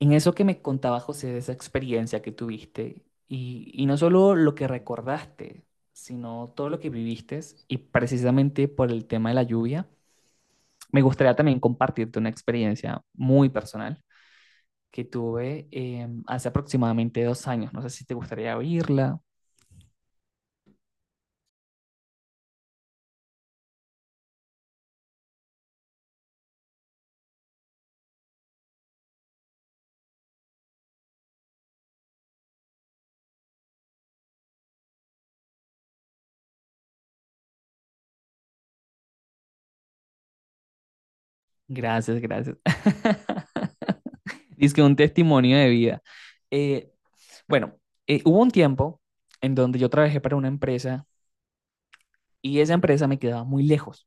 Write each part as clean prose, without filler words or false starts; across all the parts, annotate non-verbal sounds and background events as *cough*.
En eso que me contaba José de esa experiencia que tuviste, y no solo lo que recordaste, sino todo lo que viviste, y precisamente por el tema de la lluvia, me gustaría también compartirte una experiencia muy personal que tuve hace aproximadamente 2 años. No sé si te gustaría oírla. Gracias, gracias. *laughs* Dice que un testimonio de vida. Eh, bueno, hubo un tiempo en donde yo trabajé para una empresa y esa empresa me quedaba muy lejos.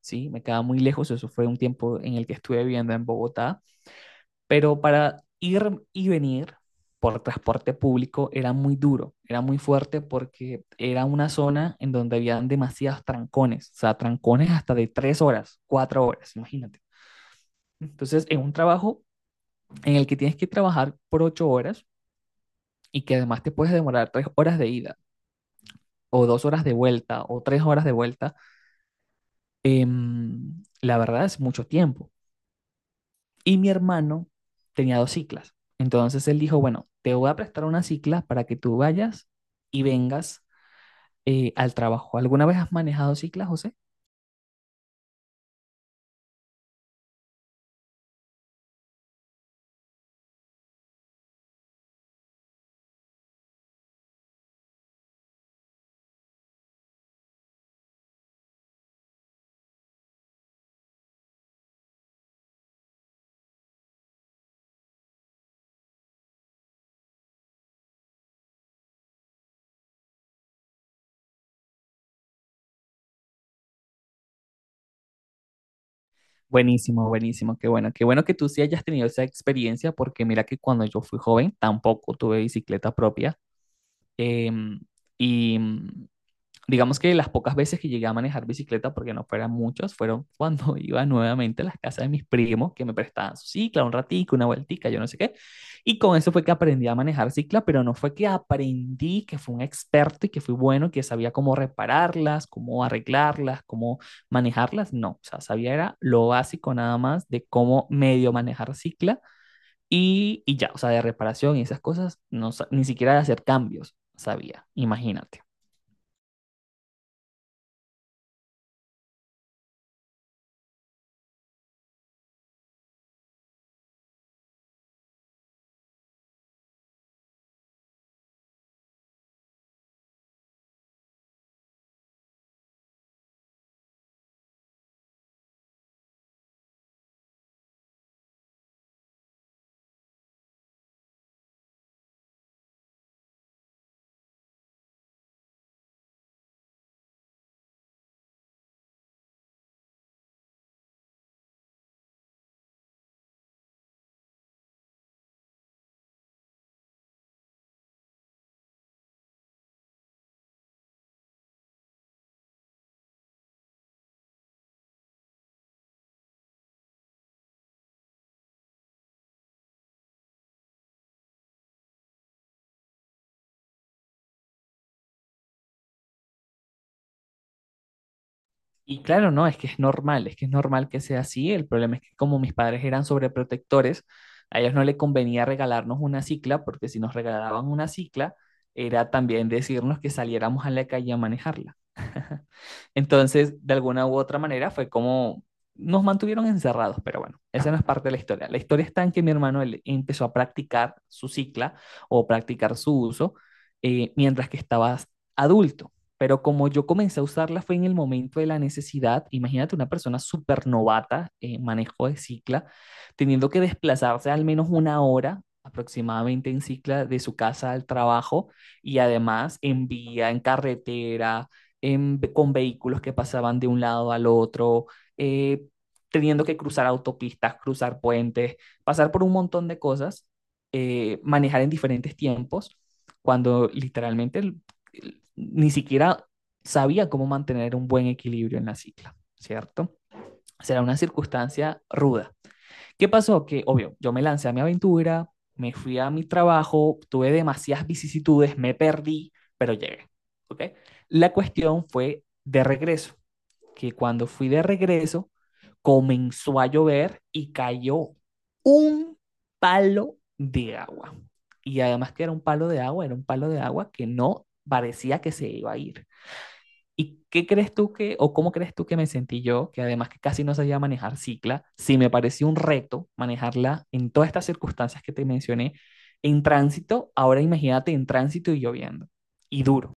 ¿Sí? Me quedaba muy lejos, eso fue un tiempo en el que estuve viviendo en Bogotá, pero para ir y venir por transporte público era muy duro, era muy fuerte porque era una zona en donde habían demasiados trancones, o sea, trancones hasta de 3 horas, 4 horas, imagínate. Entonces, en un trabajo en el que tienes que trabajar por 8 horas y que además te puedes demorar 3 horas de ida o 2 horas de vuelta o 3 horas de vuelta, la verdad es mucho tiempo. Y mi hermano tenía dos ciclas. Entonces él dijo, bueno, te voy a prestar una cicla para que tú vayas y vengas al trabajo. ¿Alguna vez has manejado ciclas, José? Buenísimo, buenísimo, qué bueno que tú sí hayas tenido esa experiencia, porque mira que cuando yo fui joven tampoco tuve bicicleta propia. em, y digamos que las pocas veces que llegué a manejar bicicleta, porque no fueran muchas, fueron *laughs* cuando iba nuevamente a las casas de mis primos que me prestaban su cicla, un ratico, una vueltica, yo no sé qué. Y con eso fue que aprendí a manejar cicla, pero no fue que aprendí que fui un experto y que fui bueno, que sabía cómo repararlas, cómo arreglarlas, cómo manejarlas. No, o sea, sabía era lo básico nada más de cómo medio manejar cicla y ya, o sea, de reparación y esas cosas, no, ni siquiera de hacer cambios sabía, imagínate. Y claro, no, es que es normal, es que es normal que sea así. El problema es que como mis padres eran sobreprotectores, a ellos no les convenía regalarnos una cicla, porque si nos regalaban una cicla, era también decirnos que saliéramos a la calle a manejarla. *laughs* Entonces, de alguna u otra manera, fue como nos mantuvieron encerrados, pero bueno, esa no es parte de la historia. La historia está en que mi hermano él empezó a practicar su cicla o practicar su uso mientras que estaba adulto. Pero como yo comencé a usarla fue en el momento de la necesidad, imagínate una persona súper novata en manejo de cicla, teniendo que desplazarse al menos 1 hora aproximadamente en cicla de su casa al trabajo y además en vía, en carretera, con vehículos que pasaban de un lado al otro, eh, teniendo que cruzar autopistas, cruzar puentes, pasar por un montón de cosas, manejar en diferentes tiempos cuando literalmente ni siquiera sabía cómo mantener un buen equilibrio en la cicla, ¿cierto? Será una circunstancia ruda. ¿Qué pasó? Que, obvio, yo me lancé a mi aventura, me fui a mi trabajo, tuve demasiadas vicisitudes, me perdí, pero llegué, ¿Ok? La cuestión fue de regreso que cuando fui de regreso comenzó a llover y cayó un palo de agua. Y además que era un palo de agua, era un palo de agua que no parecía que se iba a ir. ¿Y qué crees tú que, o cómo crees tú que me sentí yo, que además que casi no sabía manejar cicla, sí me pareció un reto manejarla en todas estas circunstancias que te mencioné, en tránsito, ahora imagínate en tránsito y lloviendo, y duro?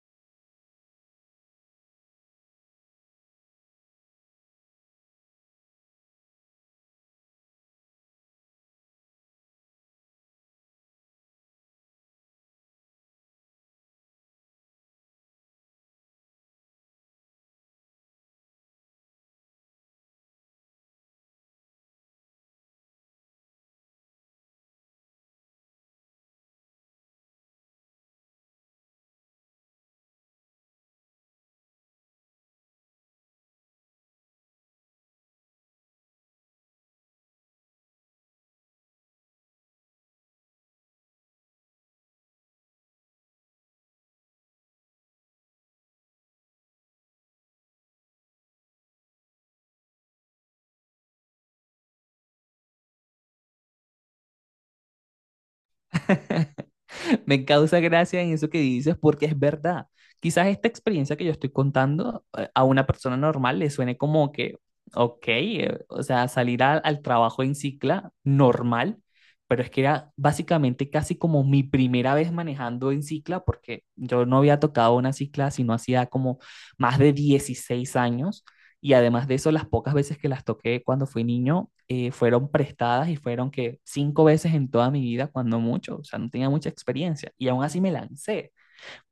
*laughs* *laughs* Me causa gracia en eso que dices porque es verdad. Quizás esta experiencia que yo estoy contando a una persona normal le suene como que, ok, o sea, salir al trabajo en cicla normal, pero es que era básicamente casi como mi primera vez manejando en cicla porque yo no había tocado una cicla sino hacía como más de 16 años. Y además de eso, las pocas veces que las toqué cuando fui niño fueron prestadas y fueron que cinco veces en toda mi vida, cuando mucho, o sea, no tenía mucha experiencia y aún así me lancé.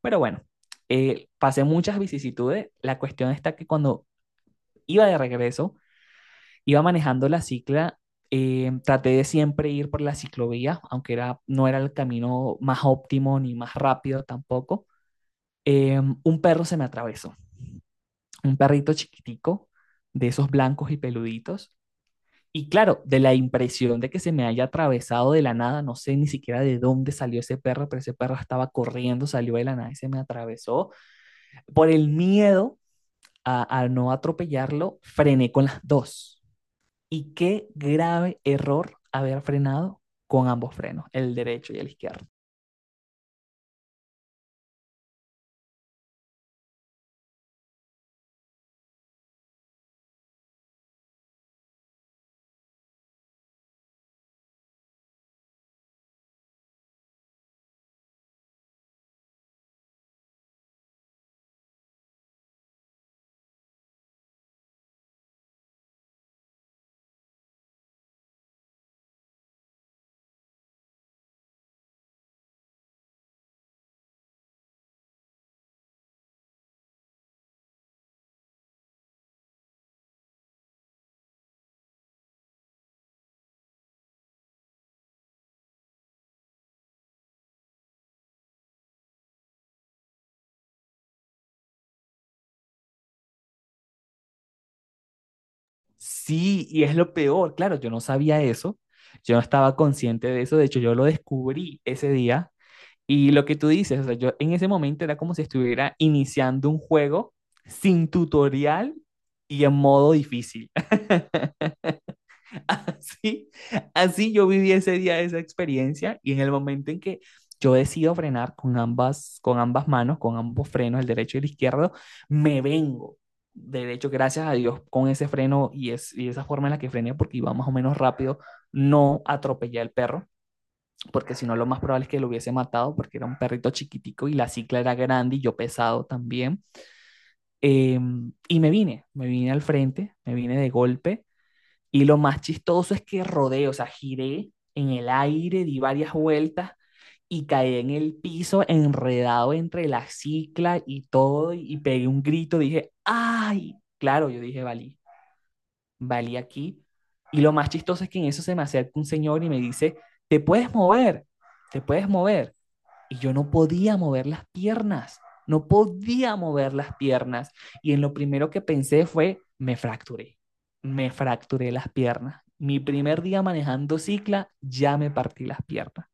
Pero bueno, pasé muchas vicisitudes. La cuestión está que cuando iba de regreso, iba manejando la cicla, traté de siempre ir por la ciclovía, aunque era, no era el camino más óptimo ni más rápido tampoco. Un perro se me atravesó, un perrito chiquitico de esos blancos y peluditos. Y claro, de la impresión de que se me haya atravesado de la nada, no sé ni siquiera de dónde salió ese perro, pero ese perro estaba corriendo, salió de la nada y se me atravesó. Por el miedo a no atropellarlo, frené con las dos. Y qué grave error haber frenado con ambos frenos, el derecho y el izquierdo. Sí, y es lo peor, claro, yo no sabía eso, yo no estaba consciente de eso, de hecho yo lo descubrí ese día. Y lo que tú dices, o sea, yo en ese momento era como si estuviera iniciando un juego sin tutorial y en modo difícil. *laughs* Así, así yo viví ese día esa experiencia y en el momento en que yo decido frenar con ambas manos, con ambos frenos, el derecho y el izquierdo, me vengo. De hecho, gracias a Dios, con ese freno y esa forma en la que frené, porque iba más o menos rápido, no atropellé al perro, porque si no lo más probable es que lo hubiese matado porque era un perrito chiquitico y la cicla era grande y yo pesado también. Eh, y me vine al frente, me vine de golpe y lo más chistoso es que rodé, o sea, giré en el aire, di varias vueltas y caí en el piso enredado entre la cicla y todo y pegué un grito, dije, ay, claro, yo dije, valí, valí aquí. Y lo más chistoso es que en eso se me acerca un señor y me dice, te puedes mover, te puedes mover. Y yo no podía mover las piernas, no podía mover las piernas. Y en lo primero que pensé fue, me fracturé las piernas. Mi primer día manejando cicla, ya me partí las piernas.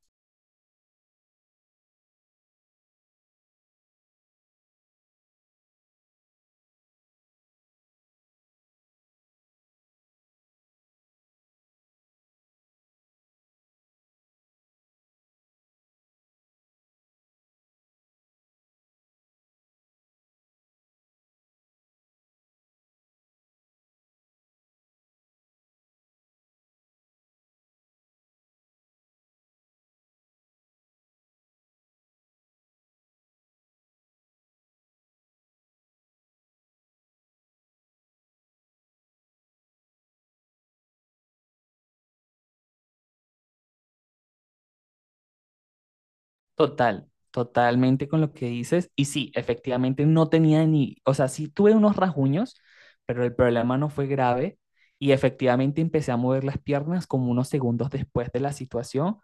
Total, totalmente con lo que dices. Y sí, efectivamente no tenía ni, o sea, sí tuve unos rasguños, pero el problema no fue grave. Y efectivamente empecé a mover las piernas como unos segundos después de la situación.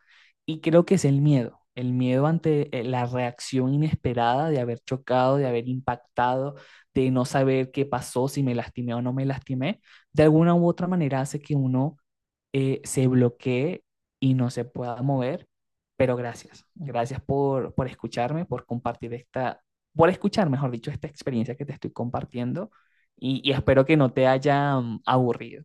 Y creo que es el miedo ante la reacción inesperada de haber chocado, de haber impactado, de no saber qué pasó, si me lastimé o no me lastimé. De alguna u otra manera hace que uno se bloquee y no se pueda mover. Pero gracias, gracias por escucharme, por compartir esta, por escuchar, mejor dicho, esta experiencia que te estoy compartiendo y espero que no te haya aburrido.